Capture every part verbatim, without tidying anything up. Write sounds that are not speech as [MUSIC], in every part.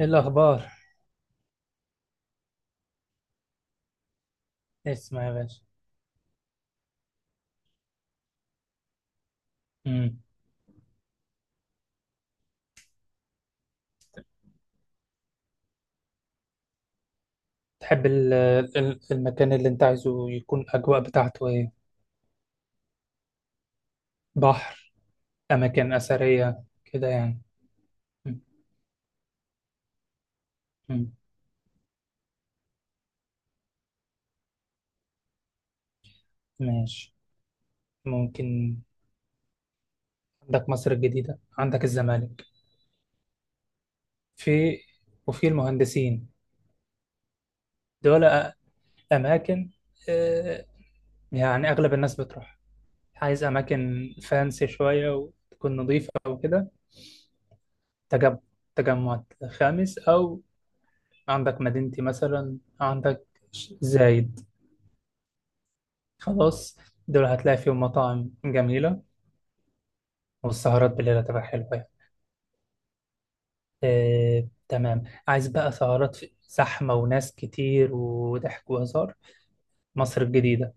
ايه الاخبار؟ اسمع يا باشا. امم. تحب ال- ال- المكان اللي انت عايزه يكون الاجواء بتاعته ايه؟ بحر؟ اماكن اثريه كده يعني. مم. مم. ماشي. ممكن. عندك مصر الجديده، عندك الزمالك. في، وفي المهندسين. دول أ- اماكن. آه، يعني اغلب الناس بتروح. عايز اماكن فانسي شويه وتكون نظيفه او كده. تجمع تجمع خامس، او عندك مدينتي مثلا، عندك ش- زايد. خلاص، دول هتلاقي فيهم مطاعم جميلة، والسهرات بالليل هتبقى حلوة يعني. آه، تمام. عايز بقى سهرات في- زحمة وناس كتير وضحك وهزار. مصر الجديدة.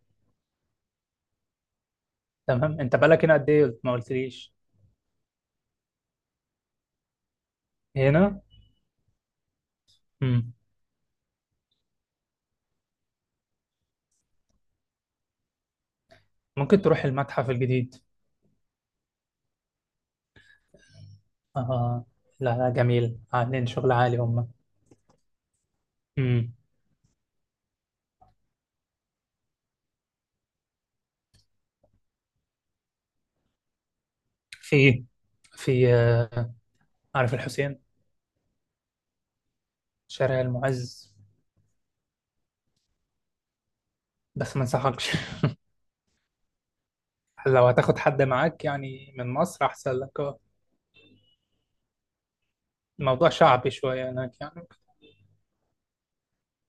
تمام، انت بقالك هنا قد ايه؟ ما قلتليش. هنا. مم. ممكن تروح المتحف الجديد. آه. لا لا، جميل، عاملين شغل عالي هم. مم. في في آه، عارف الحسين. شارع المعز. بس ما انصحكش. [LAUGHS] لو هتاخد حد معاك يعني من مصر احسن لك، اه. الموضوع شعبي شويه هناك يعني.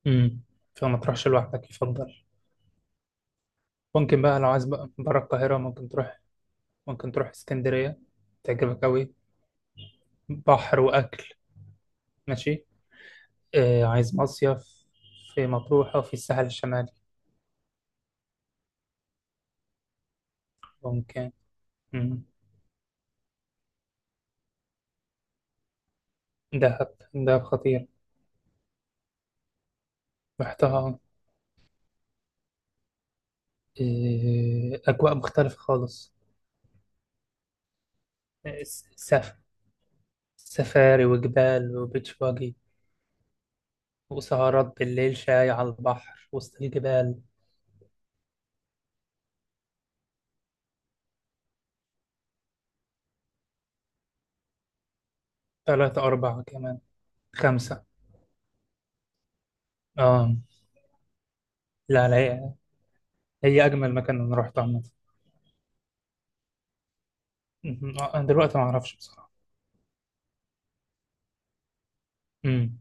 امم. فما تروحش لوحدك يفضل. ممكن بقى لو عايز بقى بره القاهره، ممكن تروح. ممكن تروح اسكندريه، تعجبك قوي. بحر واكل. ماشي. آه، عايز مصيف في مطروح او في الساحل الشمالي. ممكن. امم. دهب، دهب خطير. رحتها آه. اجواء مختلفه خالص. آه، س- سف سفاري وجبال وبيتش باجي، وسهرات بالليل، شاي على البحر وسط الجبال. ثلاثة، أربعة، كمان خمسة. آه. لا لا، هي, هي أجمل مكان أنا روحته عامة. مهم. آه، أنا دلوقتي ما أعرفش بصراحة. مم.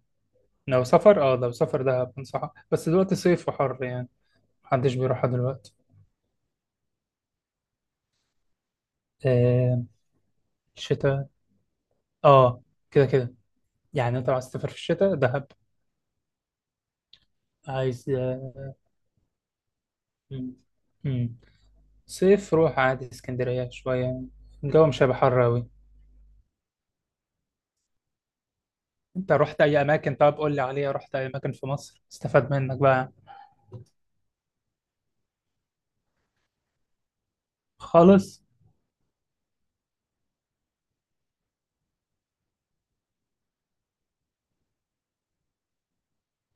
لو سفر آه لو سفر دهب، أنصحك. بس دلوقتي صيف وحر يعني، محدش بيروحها دلوقتي. آه. شتاء. آه. كده كده. يعني أنت لو عايز تسافر في الشتاء، دهب. عايز. آه، مم. مم. صيف، روح عادي اسكندرية شوية، الجو مش هيبقى حر أوي. انت رحت اي اماكن؟ طب قول لي عليها. رحت اي اماكن في مصر استفاد منك بقى؟ خالص.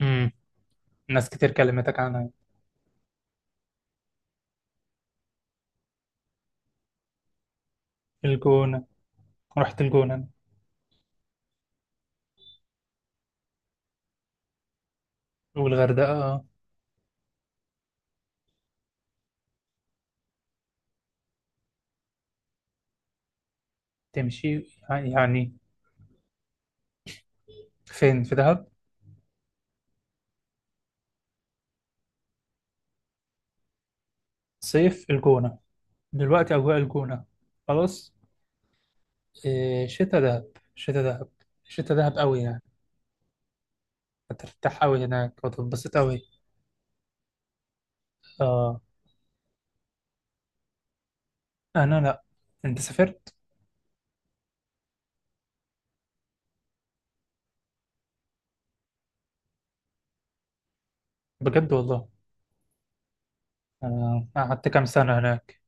امم. ناس كتير كلمتك عنها. الجونة. رحت الجونة أنا. والغردقة. تمشي يعني. فين؟ في دهب. صيف الجونة، دلوقتي اجواء الجونة، خلاص. إيه، شتا دهب، شتا دهب، شتا دهب قوي يعني. هترتاح قوي هناك وتتبسط قوي. اه. انا لا. انت سافرت؟ بجد والله. آه. قعدت كام سنة هناك؟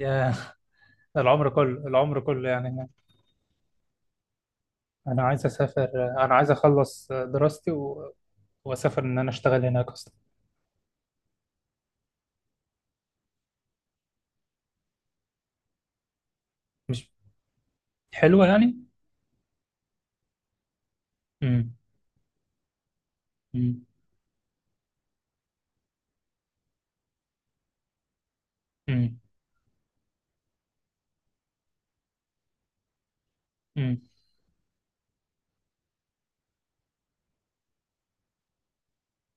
يا [LAUGHS] العمر كله، العمر كله يعني. انا عايز اسافر. انا عايز اخلص دراستي و... واسافر، ان انا اشتغل هناك اصلا. مش حلوه يعني. امم. امم. امم. امم.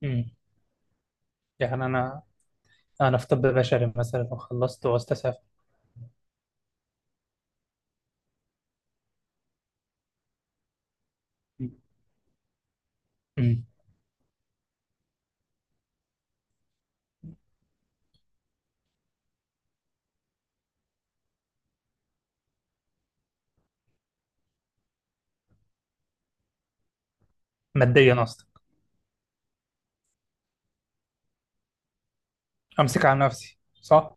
أمم. يعني انا انا في طب بشري مثلا، وخلصت وعاوز اسافر. أمم. أمم. ماديا اصلا. امسك على نفسي، صح.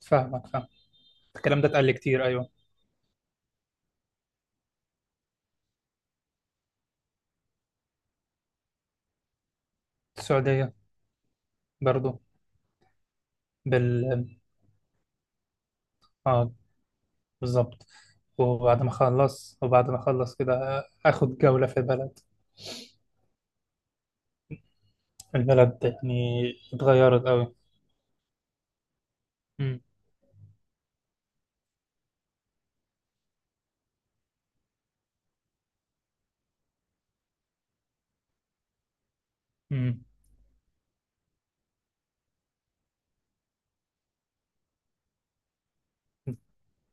فاهمك، فاهم. الكلام ده اتقال لي كتير، ايوه. السعوديه برضو. بال. اه، بالظبط. وبعد ما اخلص وبعد ما اخلص كده اخد جوله في البلد. البلد يعني اتغيرت قوي.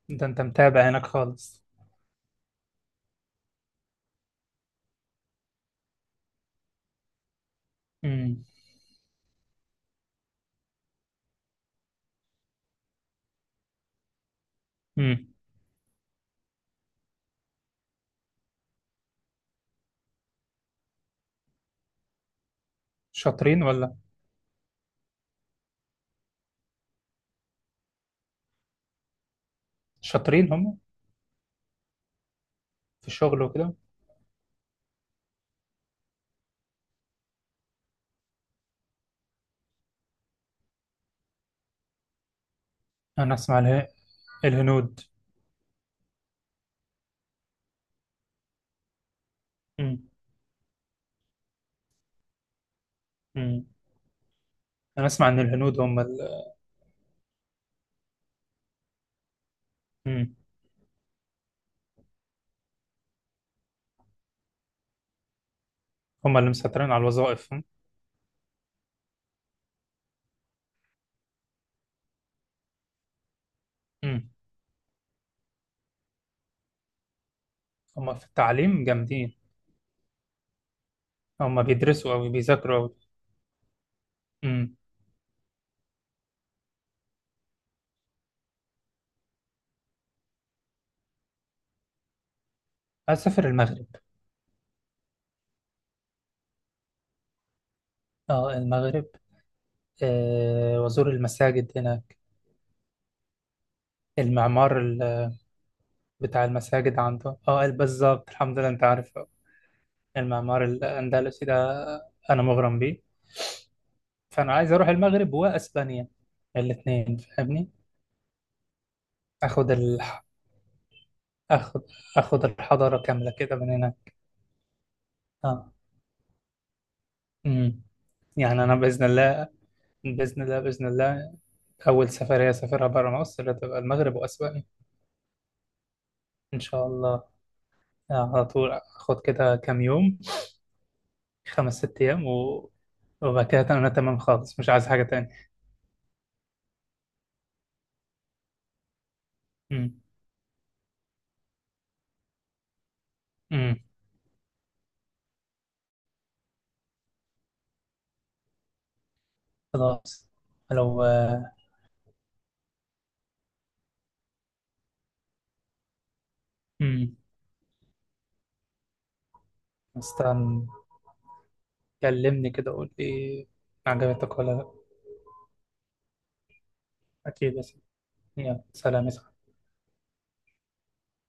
ده انت متابع هناك خالص. امم. امم. شاطرين ولا؟ شاطرين هم في الشغل وكده. انا اسمع اله... الهنود. امم. امم. انا اسمع ان الهنود هم ال... امم. هم اللي مسيطرين على الوظائف هم. امم. هم في التعليم جامدين. هم بيدرسوا او بيذاكروا او... امم. اسافر المغرب. اه المغرب. آه، وازور المساجد هناك. المعمار ال... بتاع المساجد عنده، اه بالظبط، الحمد لله. انت عارف المعمار الاندلسي ده، انا مغرم بيه. فانا عايز اروح المغرب واسبانيا، الاثنين، فاهمني. اخد الح... اخد اخد الحضاره كامله كده من هنا. اه. امم. يعني انا باذن الله، باذن الله، باذن الله، اول سفريه اسافرها بره مصر هتبقى المغرب واسبانيا. ان شاء الله. آه، على طول اخد كده كام يوم، خمس، ست ايام و... وبعد كده انا تمام خالص، مش عايز حاجه تاني. امم. امم. خلاص. لو. آه، امم. استنى، كلمني كده، قول لي عجبتك ولا لا. اكيد بس. يلا سلام.